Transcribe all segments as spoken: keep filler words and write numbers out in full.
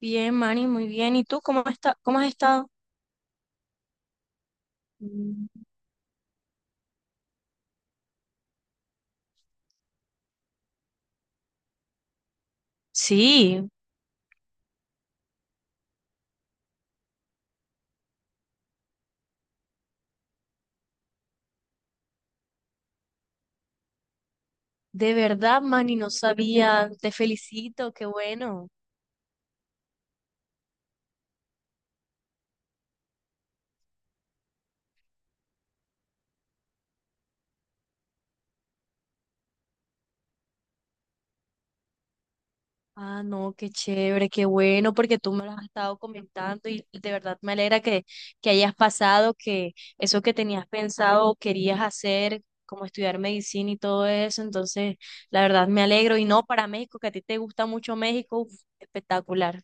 Bien, Manny, muy bien. ¿Y tú cómo está, cómo has estado? Mm. Sí, de verdad, Manny, no sabía. Te felicito, qué bueno. Ah, no, qué chévere, qué bueno, porque tú me lo has estado comentando y de verdad me alegra que, que hayas pasado, que eso que tenías pensado o querías hacer, como estudiar medicina y todo eso. Entonces, la verdad me alegro. Y no para México, que a ti te gusta mucho México, uf, espectacular.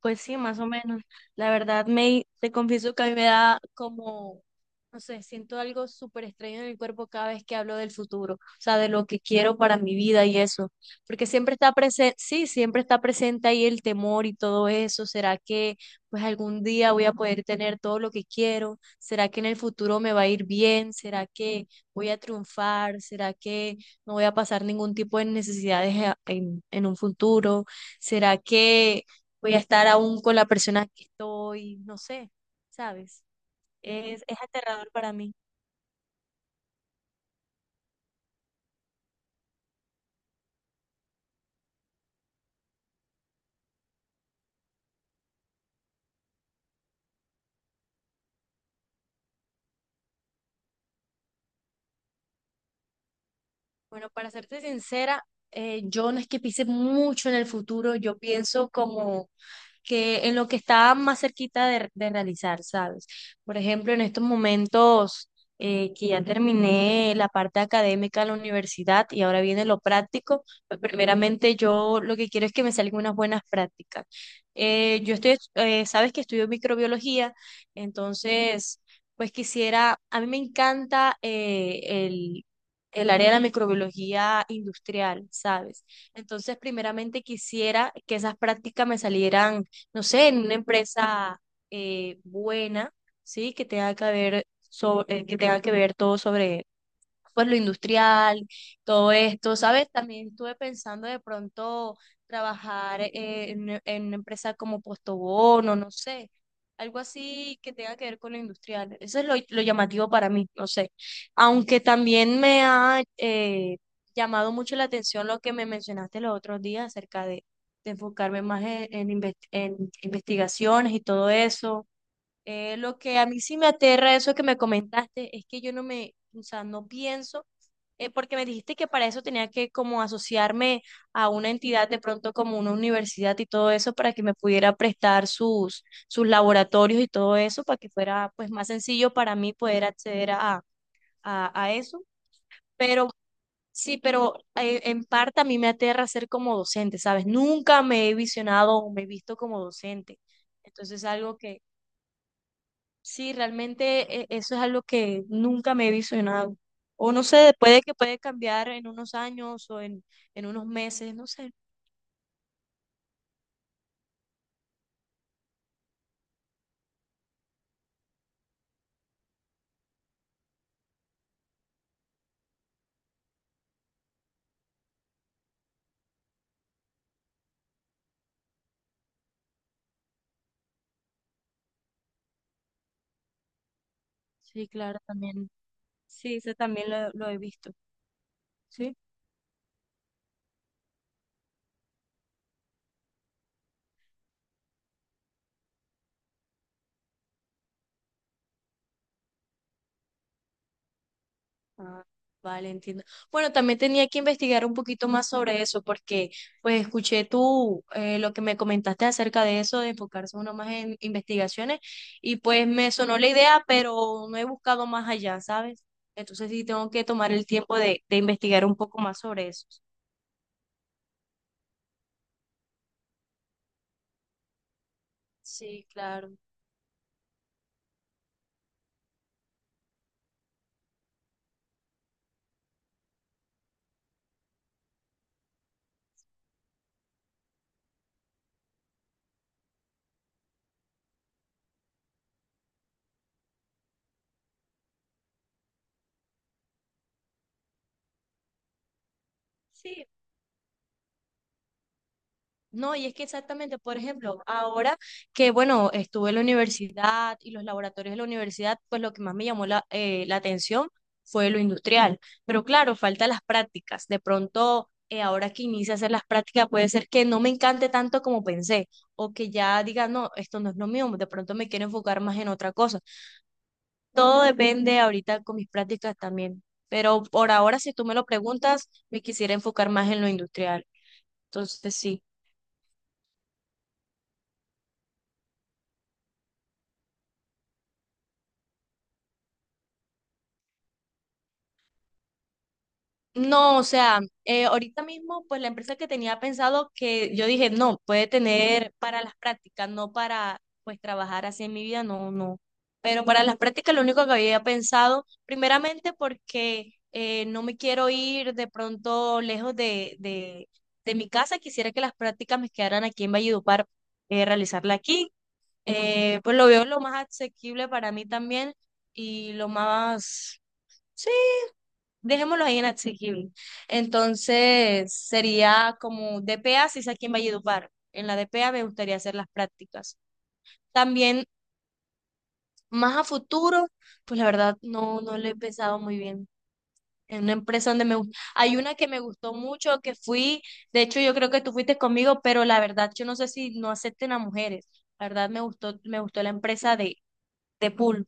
Pues sí, más o menos. La verdad, me, te confieso que a mí me da como. No sé, siento algo súper extraño en el cuerpo cada vez que hablo del futuro, o sea, de lo que quiero para mi vida y eso, porque siempre está presente, sí, siempre está presente ahí el temor y todo eso. ¿Será que pues algún día voy a poder tener todo lo que quiero? ¿Será que en el futuro me va a ir bien? ¿Será que voy a triunfar? ¿Será que no voy a pasar ningún tipo de necesidades a- en, en un futuro? ¿Será que voy a estar aún con la persona que estoy? No sé, ¿sabes? Es, es aterrador para mí. Bueno, para serte sincera, eh, yo no es que piense mucho en el futuro, yo pienso como que en lo que está más cerquita de, de realizar, ¿sabes? Por ejemplo, en estos momentos eh, que ya terminé la parte académica de la universidad y ahora viene lo práctico, pues primeramente yo lo que quiero es que me salgan unas buenas prácticas. Eh, yo estoy, eh, sabes que estudio microbiología, entonces... Pues quisiera, a mí me encanta eh, el área de la microbiología industrial, ¿sabes? Entonces, primeramente quisiera que esas prácticas me salieran, no sé, en una empresa eh, buena, ¿sí? Que tenga que ver sobre, que tenga que ver todo sobre pues lo industrial, todo esto, ¿sabes? También estuve pensando de pronto trabajar eh, en, en una empresa como Postobón o no sé, algo así que tenga que ver con lo industrial. Eso es lo, lo llamativo para mí, no sé. Aunque también me ha eh, llamado mucho la atención lo que me mencionaste los otros días acerca de, de enfocarme más en, en inves- en investigaciones y todo eso. Eh, lo que a mí sí me aterra eso que me comentaste es que yo no me, o sea, no pienso eh, porque me dijiste que para eso tenía que como asociarme a una entidad de pronto como una universidad y todo eso para que me pudiera prestar sus, sus laboratorios y todo eso para que fuera pues más sencillo para mí poder acceder a, a, a eso. Pero sí, pero eh, en parte a mí me aterra ser como docente, ¿sabes? Nunca me he visionado o me he visto como docente. Entonces es algo que, Sí, realmente eh, eso es algo que nunca me he visionado. O no sé, puede que puede cambiar en unos años o en, en unos meses, no sé. Sí, claro, también. Sí, eso también lo, lo he visto. Sí. Ah, vale, entiendo. Bueno, también tenía que investigar un poquito más sobre eso porque pues escuché tú eh, lo que me comentaste acerca de eso, de enfocarse uno más en investigaciones y pues me sonó la idea, pero no he buscado más allá, ¿sabes? Entonces sí tengo que tomar el tiempo de, de investigar un poco más sobre eso. Sí, claro. Sí, no, y es que exactamente, por ejemplo, ahora que, bueno, estuve en la universidad y los laboratorios de la universidad, pues lo que más me llamó la, eh, la atención fue lo industrial. Pero claro, falta las prácticas. De pronto, eh, ahora que inicie a hacer las prácticas, puede ser que no me encante tanto como pensé, o que ya diga, no, esto no es lo mío, de pronto me quiero enfocar más en otra cosa. Todo depende ahorita con mis prácticas también. Pero por ahora, si tú me lo preguntas, me quisiera enfocar más en lo industrial. Entonces, sí. No, o sea, eh, ahorita mismo, pues la empresa que tenía pensado que yo dije, no, puede tener para las prácticas, no para pues trabajar así en mi vida, no, no. Pero para las prácticas lo único que había pensado, primeramente porque eh, no me quiero ir de pronto lejos de, de, de mi casa, quisiera que las prácticas me quedaran aquí en Valledupar, eh, realizarla aquí. Eh, pues lo veo lo más asequible para mí también y lo más... Sí, dejémoslo ahí en asequible. Entonces, sería como D P A, si es aquí en Valledupar. En la D P A me gustaría hacer las prácticas. También, más a futuro, pues la verdad no, no lo he pensado muy bien. En una empresa donde me... gust- Hay una que me gustó mucho, que fui, de hecho yo creo que tú fuiste conmigo, pero la verdad yo no sé si no acepten a mujeres. La verdad me gustó, me gustó la empresa de, de pool.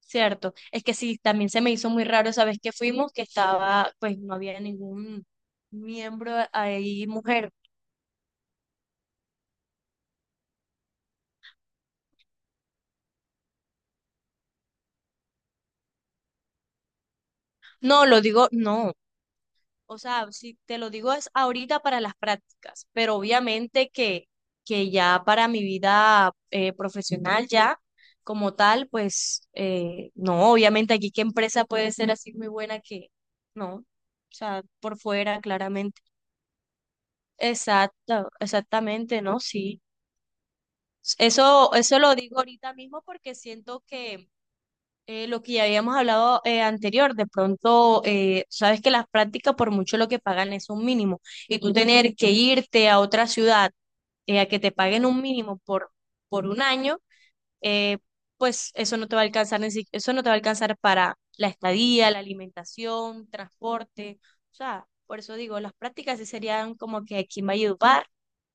Cierto, es que sí, también se me hizo muy raro, esa vez que fuimos, que estaba, pues no había ningún miembro ahí mujer. No, lo digo, no. O sea, si te lo digo es ahorita para las prácticas, pero obviamente que, que ya para mi vida eh, profesional ya como tal, pues eh, no, obviamente aquí qué empresa puede ser así muy buena que no. O sea, por fuera, claramente. Exacto, exactamente, ¿no? Sí. Eso, eso lo digo ahorita mismo porque siento que eh, lo que ya habíamos hablado eh, anterior, de pronto, eh, sabes que las prácticas por mucho lo que pagan es un mínimo y tú tener que irte a otra ciudad eh, a que te paguen un mínimo por, por un año, eh, pues eso no te va a alcanzar, ni si- eso no te va a alcanzar para la estadía, la alimentación, transporte, o sea, por eso digo, las prácticas sí serían como que aquí en Valledupar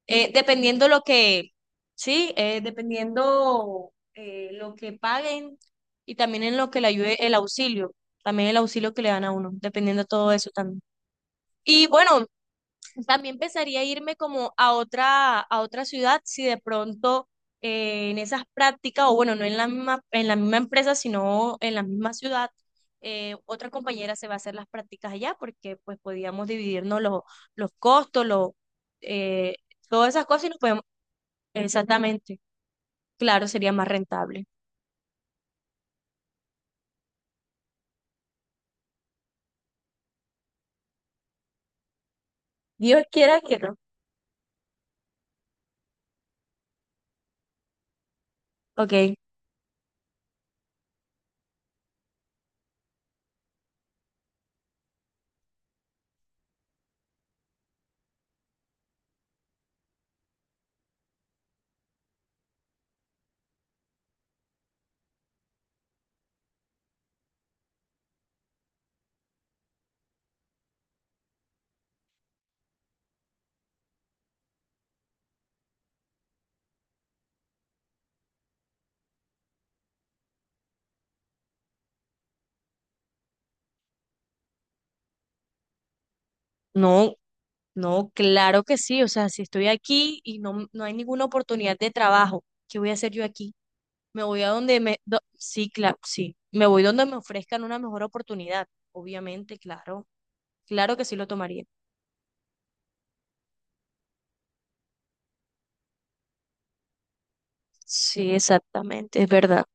eh, dependiendo lo que, sí, eh, dependiendo eh, lo que paguen y también en lo que le ayude el auxilio, también el auxilio que le dan a uno, dependiendo de todo eso también. Y bueno, también pensaría irme como a otra, a otra ciudad si de pronto eh, en esas prácticas, o bueno, no en la misma, en la misma empresa, sino en la misma ciudad, eh, otra compañera se va a hacer las prácticas allá porque pues podíamos dividirnos los, los costos, los... eh, todas esas cosas y nos podemos Exactamente. Claro, sería más rentable. Dios quiera que no. Ok, no, no, claro que sí. O sea, si estoy aquí y no, no hay ninguna oportunidad de trabajo, ¿qué voy a hacer yo aquí? Me voy a donde me... do- sí, claro, sí. Me voy donde me ofrezcan una mejor oportunidad. Obviamente, claro. Claro que sí lo tomaría. Sí, exactamente, es verdad.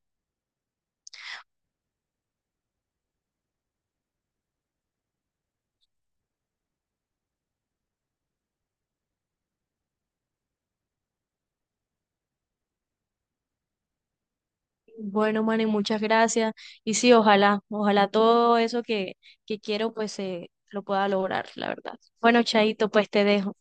Bueno, Manny, muchas gracias. Y sí, ojalá, ojalá todo eso que, que quiero, pues eh, lo pueda lograr, la verdad. Bueno, Chaito, pues te dejo.